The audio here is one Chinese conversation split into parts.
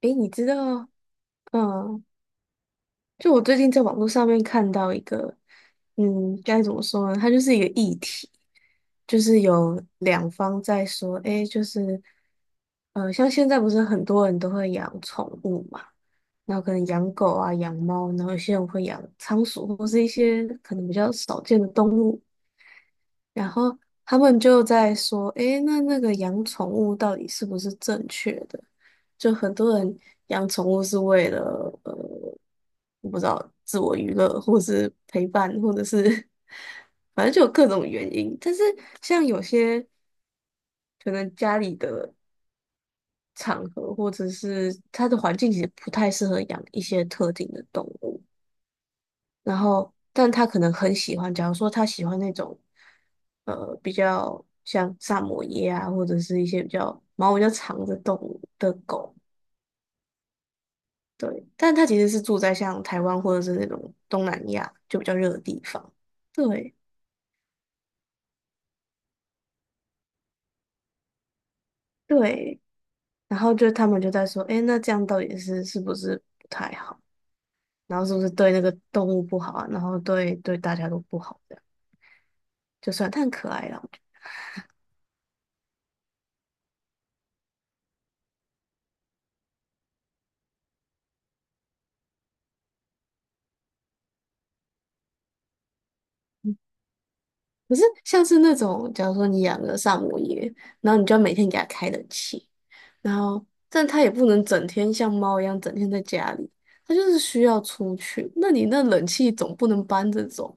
诶，你知道，嗯，就我最近在网络上面看到一个，嗯，该怎么说呢？它就是一个议题，就是有两方在说，诶，就是，像现在不是很多人都会养宠物嘛，然后可能养狗啊、养猫，然后有些人会养仓鼠或是一些可能比较少见的动物。然后他们就在说，诶，那那个养宠物到底是不是正确的？就很多人养宠物是为了呃，我不知道自我娱乐，或是陪伴，或者是 反正就有各种原因。但是像有些可能家里的场合，或者是它的环境其实不太适合养一些特定的动物。然后，但他可能很喜欢，假如说他喜欢那种，比较像萨摩耶啊，或者是一些比较毛比较长的动物的狗，对。但他其实是住在像台湾或者是那种东南亚就比较热的地方，对对。然后就他们就在说，诶，那这样到底是不是不太好？然后是不是对那个动物不好啊？然后对大家都不好，这样就算它很可爱啦。可是像是那种，假如说你养个萨摩耶，然后你就要每天给它开冷气，然后但它也不能整天像猫一样整天在家里，它就是需要出去。那你那冷气总不能搬着走，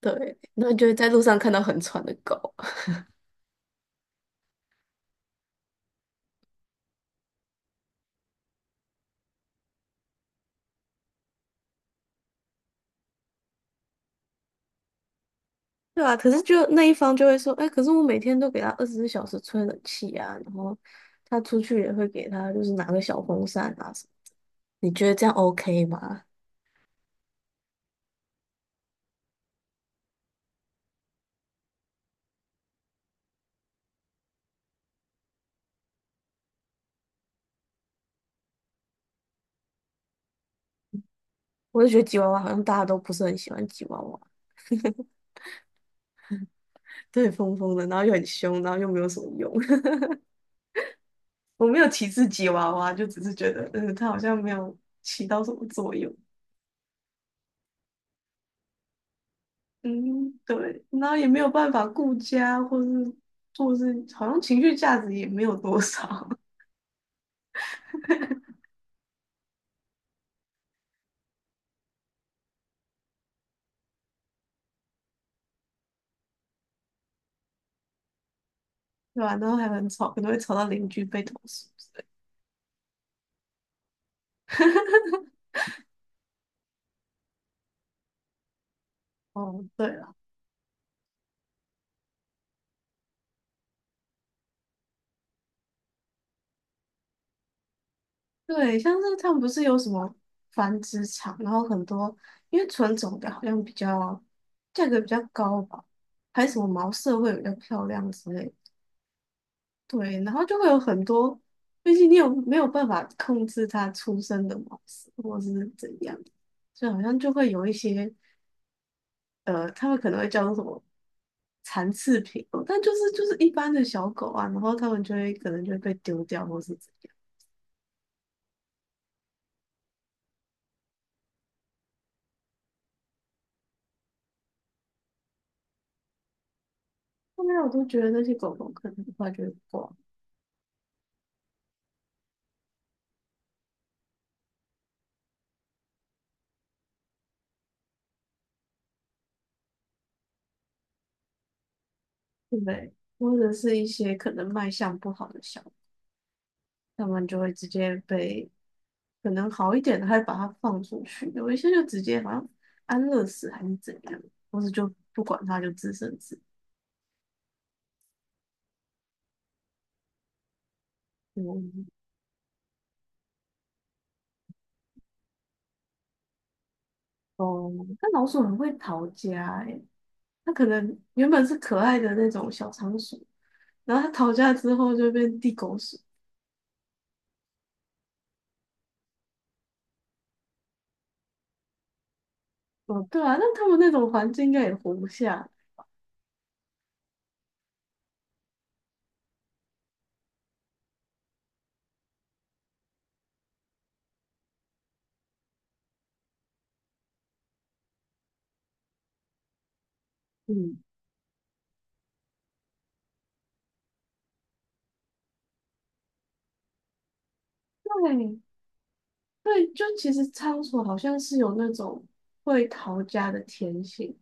对，那你就会在路上看到很喘的狗，对啊，可是就那一方就会说，哎，可是我每天都给它24小时吹冷气啊，然后它出去也会给它就是拿个小风扇啊什么，你觉得这样 OK 吗？我就觉得吉娃娃好像大家都不是很喜欢吉娃娃。对，疯疯的，然后又很凶，然后又没有什么用。我没有歧视吉娃娃，就只是觉得，嗯，它好像没有起到什么作用。嗯，对，然后也没有办法顾家，或是好像情绪价值也没有多少，对吧、然后还很吵，可能会吵到邻居被投诉之类的哦，对了，对，像是他们不是有什么繁殖场，然后很多因为纯种的好像比较价格比较高吧，还有什么毛色会比较漂亮之类的对，然后就会有很多，毕竟你有没有办法控制它出生的模式，或是怎样，所以好像就会有一些他们可能会叫做什么残次品哦，但就是一般的小狗啊，然后他们可能就会被丢掉或是怎样。后面我都觉得那些狗狗可能很快就会挂，对不对？或者是一些可能卖相不好的小狗，他们就会直接被可能好一点的，还把它放出去；有一些就直接好像安乐死还是怎样，或是就不管它，就自生自灭。嗯哦，那老鼠很会逃家诶，它可能原本是可爱的那种小仓鼠，然后它逃家之后就变地狗鼠。哦，对啊，那它们那种环境应该也活不下。嗯，对，对，就其实仓鼠好像是有那种会逃家的天性，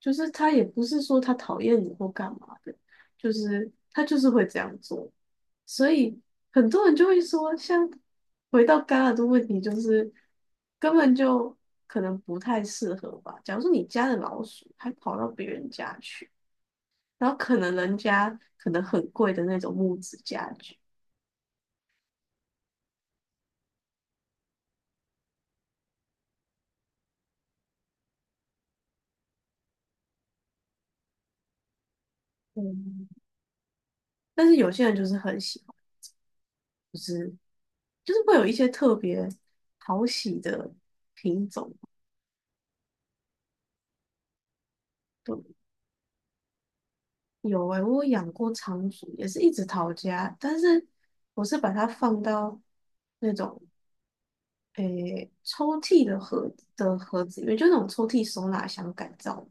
就是它也不是说它讨厌你或干嘛的，就是它就是会这样做，所以很多人就会说，像回到刚刚的问题，就是根本就可能不太适合吧。假如说你家的老鼠还跑到别人家去，然后可能人家可能很贵的那种木质家具，嗯，但是有些人就是很喜欢。就是。就是会有一些特别讨喜的品种。对，有诶、我有养过仓鼠，也是一直逃家，但是我是把它放到那种诶、抽屉的盒的盒子里面，就那种抽屉收纳箱改造的。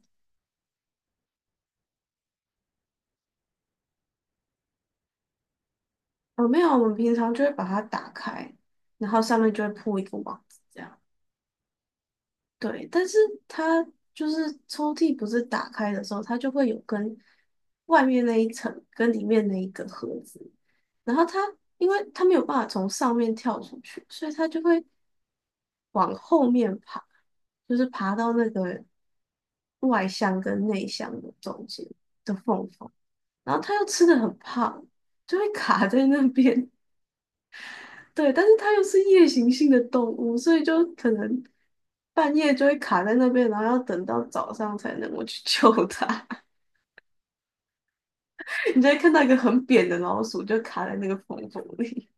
哦，没有，我们平常就会把它打开，然后上面就会铺一个网子。这样。对，但是它就是抽屉不是打开的时候，它就会有跟外面那一层跟里面那一个盒子，然后它因为它没有办法从上面跳出去，所以它就会往后面爬，就是爬到那个外箱跟内箱的中间的缝缝，然后它又吃的很胖，就会卡在那边，对，但是它又是夜行性的动物，所以就可能半夜就会卡在那边，然后要等到早上才能够去 救它。你就会看到一个很扁的老鼠，就卡在那个缝缝里。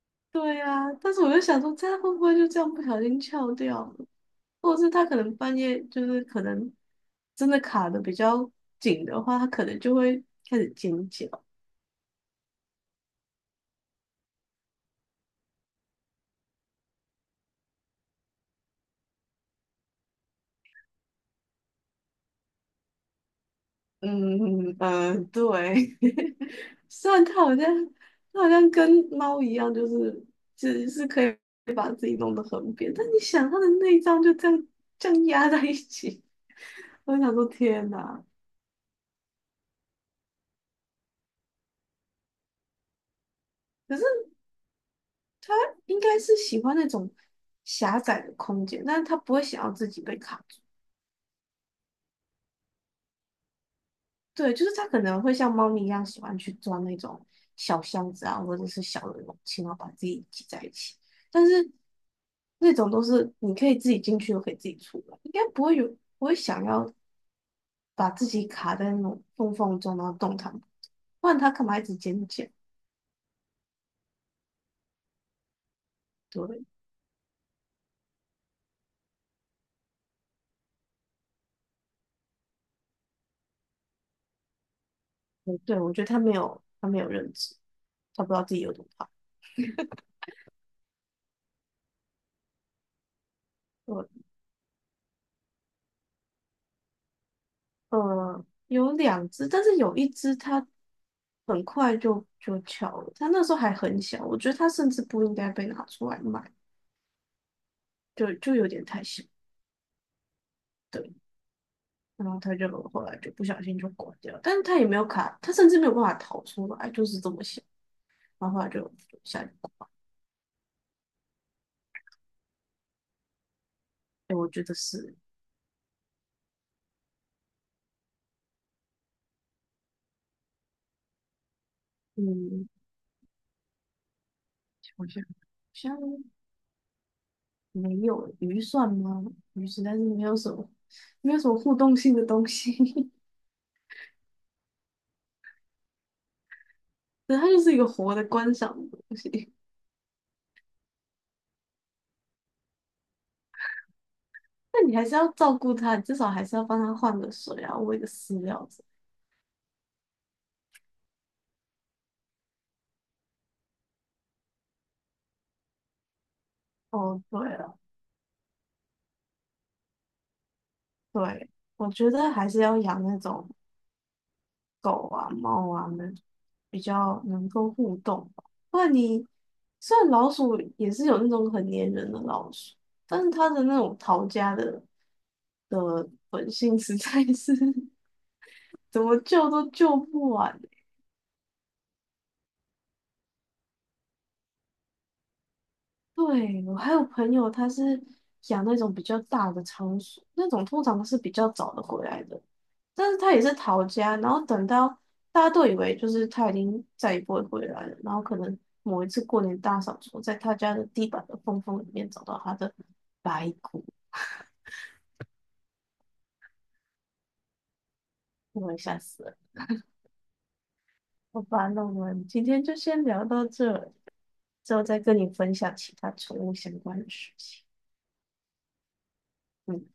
对呀、但是我就想说，它会不会就这样不小心翘掉了？或者是它可能半夜就是可能真的卡的比较紧的话，它可能就会开始尖叫。嗯嗯，对，虽然它好像它好像跟猫一样，就是只是可以把自己弄得很扁，但你想它的内脏就这样压在一起，我就想说天哪！可是应该是喜欢那种狭窄的空间，但是它不会想要自己被卡住。对，就是它可能会像猫咪一样喜欢去钻那种小箱子啊，或者是小的容器，然后把自己挤在一起。但是那种都是你可以自己进去，又可以自己出来，应该不会有不会想要把自己卡在那种缝缝中，然后动弹不得不然它干嘛一直捡捡？对，嗯对，我觉得它没有认知，它不知道自己有多胖。对有两只，但是有一只它很快就翘了，它那时候还很小，我觉得它甚至不应该被拿出来卖，就有点太小，对，然后它就后来就不小心就挂掉了，但是它也没有卡，它甚至没有办法逃出来，就是这么小，然后后来就下去挂，哎，我觉得是，嗯，我想好像没有鱼算吗？鱼是，但是没有什么互动性的东西，对，它就是一个活的观赏的东西。那你还是要照顾它，你至少还是要帮它换个水啊，喂个饲料之类的哦，对了，对，我觉得还是要养那种狗啊、猫啊，那种比较能够互动吧。不然你虽然老鼠也是有那种很粘人的老鼠，但是它的那种逃家的的本性实在是 怎么救都救不完对，我还有朋友，他是养那种比较大的仓鼠，那种通常是比较早的回来的，但是他也是逃家，然后等到大家都以为就是他已经再也不会回来了，然后可能某一次过年大扫除，在他家的地板的缝缝里面找到他的白骨，我也吓死了。好吧，那我们今天就先聊到这，之后再跟你分享其他宠物相关的事情。嗯。